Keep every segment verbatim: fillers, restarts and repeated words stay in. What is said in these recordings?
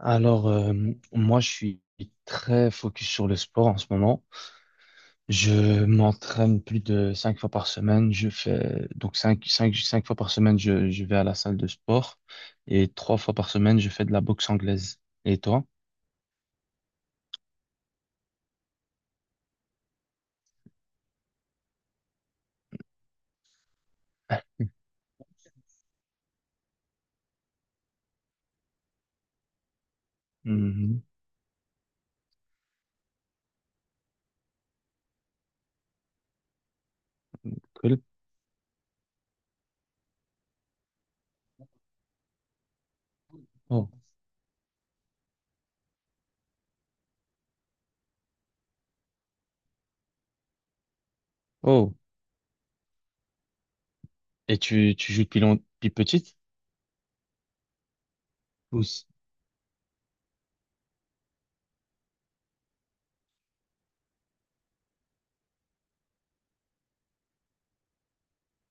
Alors, euh, moi, je suis très focus sur le sport en ce moment. Je m'entraîne plus de cinq fois par semaine. Je fais donc cinq, cinq, cinq fois par semaine, je, je vais à la salle de sport et trois fois par semaine, je fais de la boxe anglaise. Et toi? Mhm. Cool. Oh. Oh. Et tu, tu joues depuis long- depuis petite? Pouce.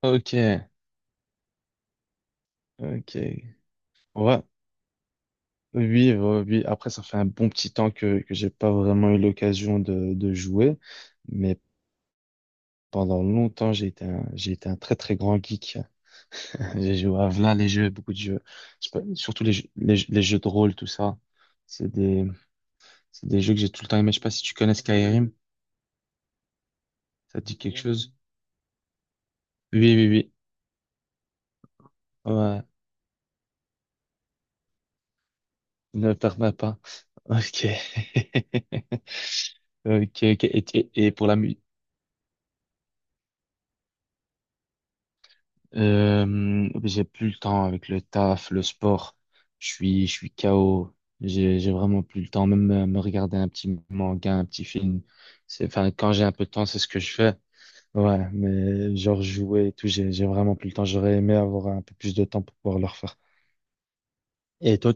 Ok, ok. Ouais, oui, ouais, oui. Après, ça fait un bon petit temps que, que j'ai pas vraiment eu l'occasion de, de jouer. Mais pendant longtemps, j'ai été un, j'ai été un très très grand geek. J'ai joué à plein les jeux, beaucoup de jeux. Je sais pas, surtout les jeux, les, jeux les jeux de rôle, tout ça. C'est des, c'est des jeux que j'ai tout le temps aimé. Je sais pas si tu connais Skyrim. Ça te dit quelque, oui, chose? Oui, oui, oui. Ouais. Ne perds pas. Ok. Ok, ok. Et, et- et pour la musique. Euh, j'ai plus le temps avec le taf, le sport. Je suis, je suis K O. J'ai, j'ai vraiment plus le temps. Même euh, me regarder un petit manga, un petit film. C'est, enfin, quand j'ai un peu de temps, c'est ce que je fais. Ouais, mais genre jouer et tout, j'ai, j'ai vraiment plus le temps. J'aurais aimé avoir un peu plus de temps pour pouvoir le refaire. Et toi,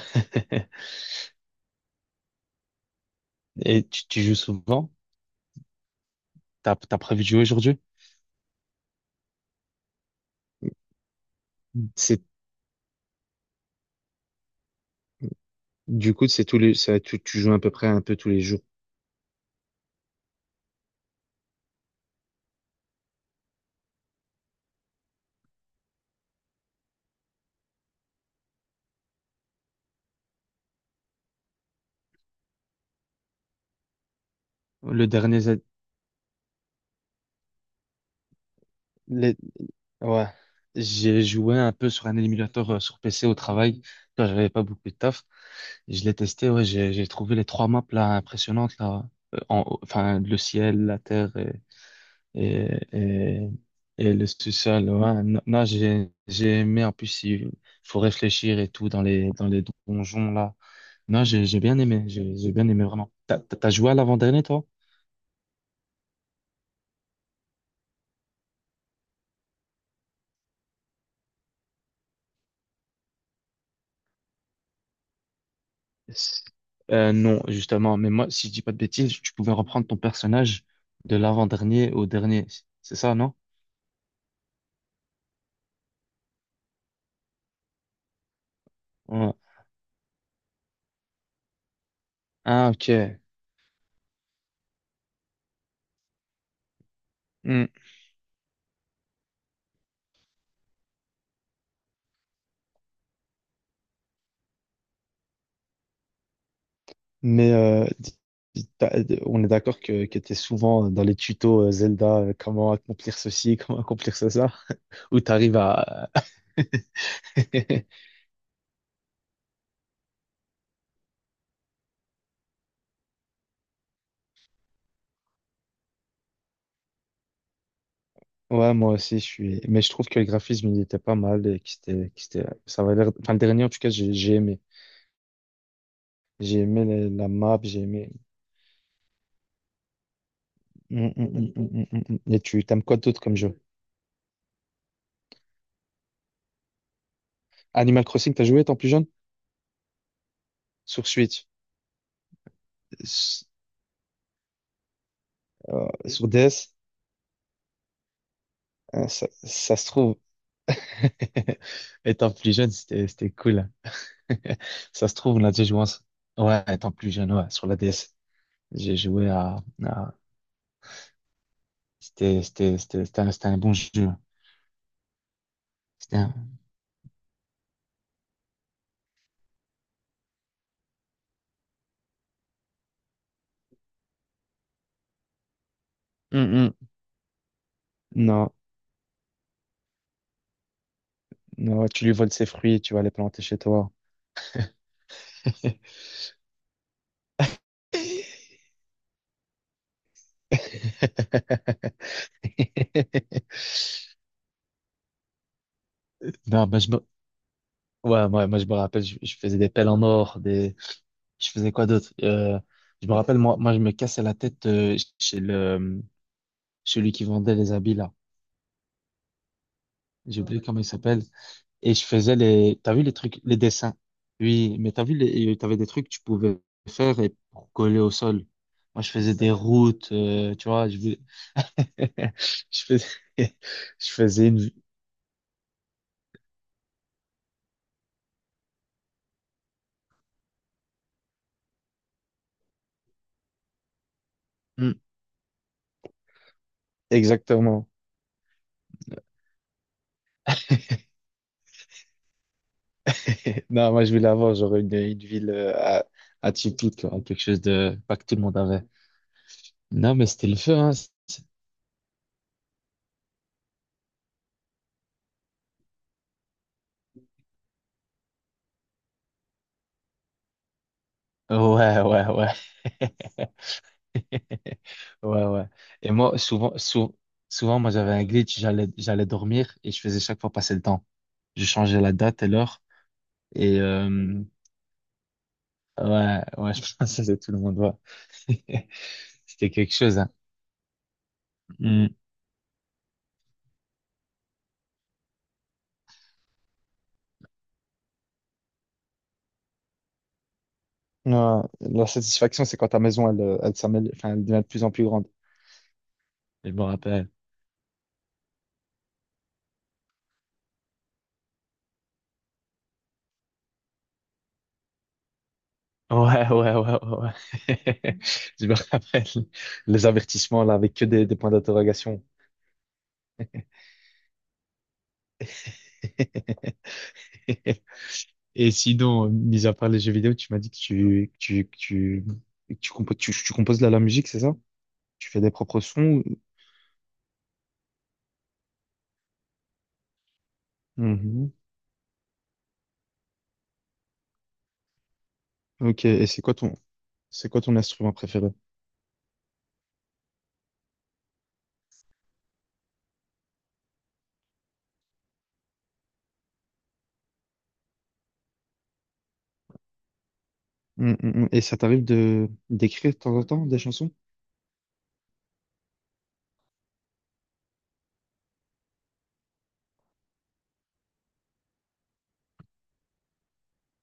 et tu, tu joues souvent? T'as, t'as prévu de jouer aujourd'hui? C'est, du coup, c'est tous les, ça, tu, tu joues à peu près un peu tous les jours. Le dernier, Z- les, Ouais, j'ai joué un peu sur un émulateur euh, sur P C au travail quand j'avais pas beaucoup de taf. Je l'ai testé, ouais, j'ai j'ai trouvé les trois maps là impressionnantes là. Euh, en- haut- enfin le ciel, la terre et et et, et le sous-sol. Ouais, non, non, j'ai j'ai aimé, en plus il faut réfléchir et tout dans les dans les donjons là. Non, j'ai j'ai bien aimé, j'ai j'ai bien aimé vraiment. T'as t'as joué à l'avant-dernier toi? S- euh, non, justement, mais moi, si je dis pas de bêtises, tu pouvais reprendre ton personnage de l'avant-dernier au dernier. C'est ça, non? Ouais. Ah, ok. Hmm. Mais euh, d- d- t'as- d- on est d'accord que, que tu es souvent dans les tutos euh, Zelda, euh, comment accomplir ceci, comment accomplir ça, où tu arrives à... Ouais, moi aussi, je suis... Mais je trouve que le graphisme, il était pas mal, et que c'était... que c'était- Ça avait l'air... Enfin, le dernier, en tout cas, j'ai j'ai aimé. J'ai aimé la la map, j'ai aimé. Mm, mm, mm, mm, mm, mm, mm. Et tu t'aimes quoi d'autre comme jeu? Animal Crossing, t'as joué étant plus jeune? Sur Switch, s- euh, sur D S, hein, ça, ça se trouve. Étant plus jeune, c'était c'était cool. Ça se trouve, on a déjà joué ensemble. Ouais, étant plus jeune, ouais, sur la D S. J'ai joué à, à- C'était c'était- c'était- c'était un, c'était un bon jeu. C'était un- Mm, mm. Non, non, tu lui voles ses fruits, tu vas les planter chez toi. Non, ben je me, Ouais, ouais, moi je me rappelle, je, je faisais des pelles en or, des, je faisais quoi d'autre? Euh, je me rappelle, moi, moi, je me cassais la tête euh, chez le, celui qui vendait les habits là. J'ai oublié comment il s'appelle. Et je faisais les, t'as vu les trucs, les dessins. Oui, mais t'as vu les, t'avais des trucs que tu pouvais faire et pour coller au sol. Moi, je faisais des routes, euh, tu vois, je, je faisais, je faisais une, Hmm, exactement. Non, moi, je voulais avoir genre une, une ville euh, à- atypique, quoi, quelque chose de pas que tout le monde avait. Non, mais c'était le feu, hein. Ouais, ouais, ouais. Ouais, ouais. Et moi, souvent, sou- souvent, moi, j'avais un glitch, j'allais, j'allais dormir et je faisais chaque fois passer le temps. Je changeais la date et l'heure. Et euh, ouais, ouais, je pense que tout le monde voit. C'était quelque chose, hein. Mm. Ouais, la satisfaction, c'est quand ta maison, elle, euh, elle, s'amène- enfin, elle devient de plus en plus grande. Je me rappelle. Ouais, ouais, ouais, ouais, ouais. Je me rappelle les avertissements là avec que des, des points d'interrogation. Et sinon, euh, mis à part les jeux vidéo, tu m'as dit que tu, que tu, que tu, que tu, compo- tu, tu composes de la, la musique, c'est ça? Tu fais des propres sons? ou- Mhm. Ok, et c'est quoi ton, c'est quoi ton instrument préféré? Mm, mm, mm. Et ça t'arrive de d'écrire de temps en temps des chansons?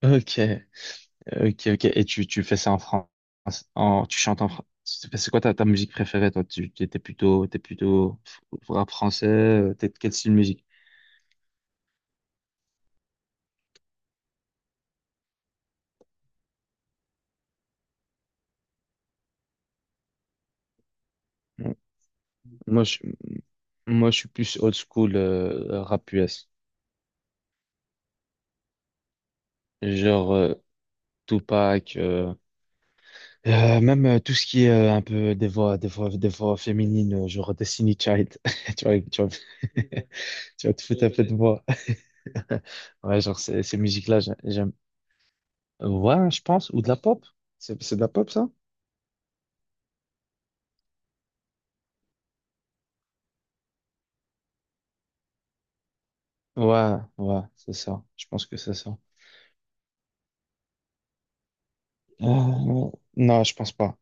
Ok, ok, ok. Et tu, tu fais ça en France, en, tu chantes en France. C'est quoi ta, ta musique préférée, toi? Tu t'es t'es plutôt, t'es plutôt rap français, euh, t'es de quel style de musique? Moi, je, moi, je suis plus old school, euh, rap U S. Genre, euh, Tupac, euh, euh, même euh, tout ce qui est euh, un peu des voix, des voix, des voix féminines, euh, genre Destiny Child. Tu vois, tu vois, tu vas te foutre un peu de voix. Ouais, genre, ces, ces musiques-là, j'a- j'aime. Ouais, je pense, ou de la pop. C'est c'est de la pop, ça? Ouais, ouais, c'est ça. Je pense que c'est ça. Euh, non, je pense pas.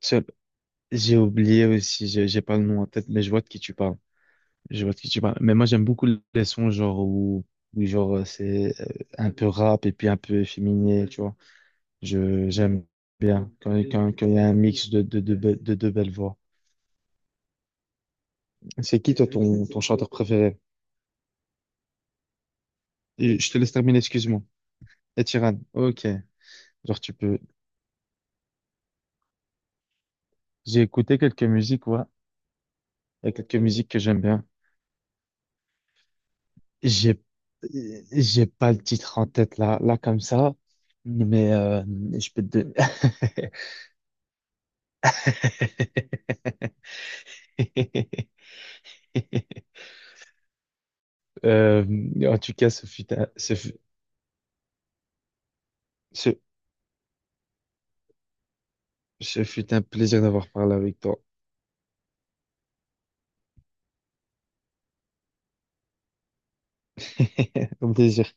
Seul- J'ai oublié aussi, j'ai j'ai pas le nom en tête, mais je vois de qui tu parles. Je vois de qui tu parles. Mais moi, j'aime beaucoup les sons genre où, où genre euh, c'est euh, un peu rap et puis un peu efféminé, tu vois. Je j'aime bien quand quand quand il y a un mix de de de, be- de deux belles voix. C'est qui toi ton ton chanteur préféré? Et je te laisse terminer, excuse-moi. Et Tiran, ok. Genre tu peux. J'ai écouté quelques musiques, ouais. Il y a quelques musiques que j'aime bien. J'ai, j'ai pas le titre en tête là, là comme ça, mais euh, je peux te donner. Euh, En tout cas, ce fut un, ce fut, ce, ce fut un plaisir d'avoir parlé avec toi. Un plaisir.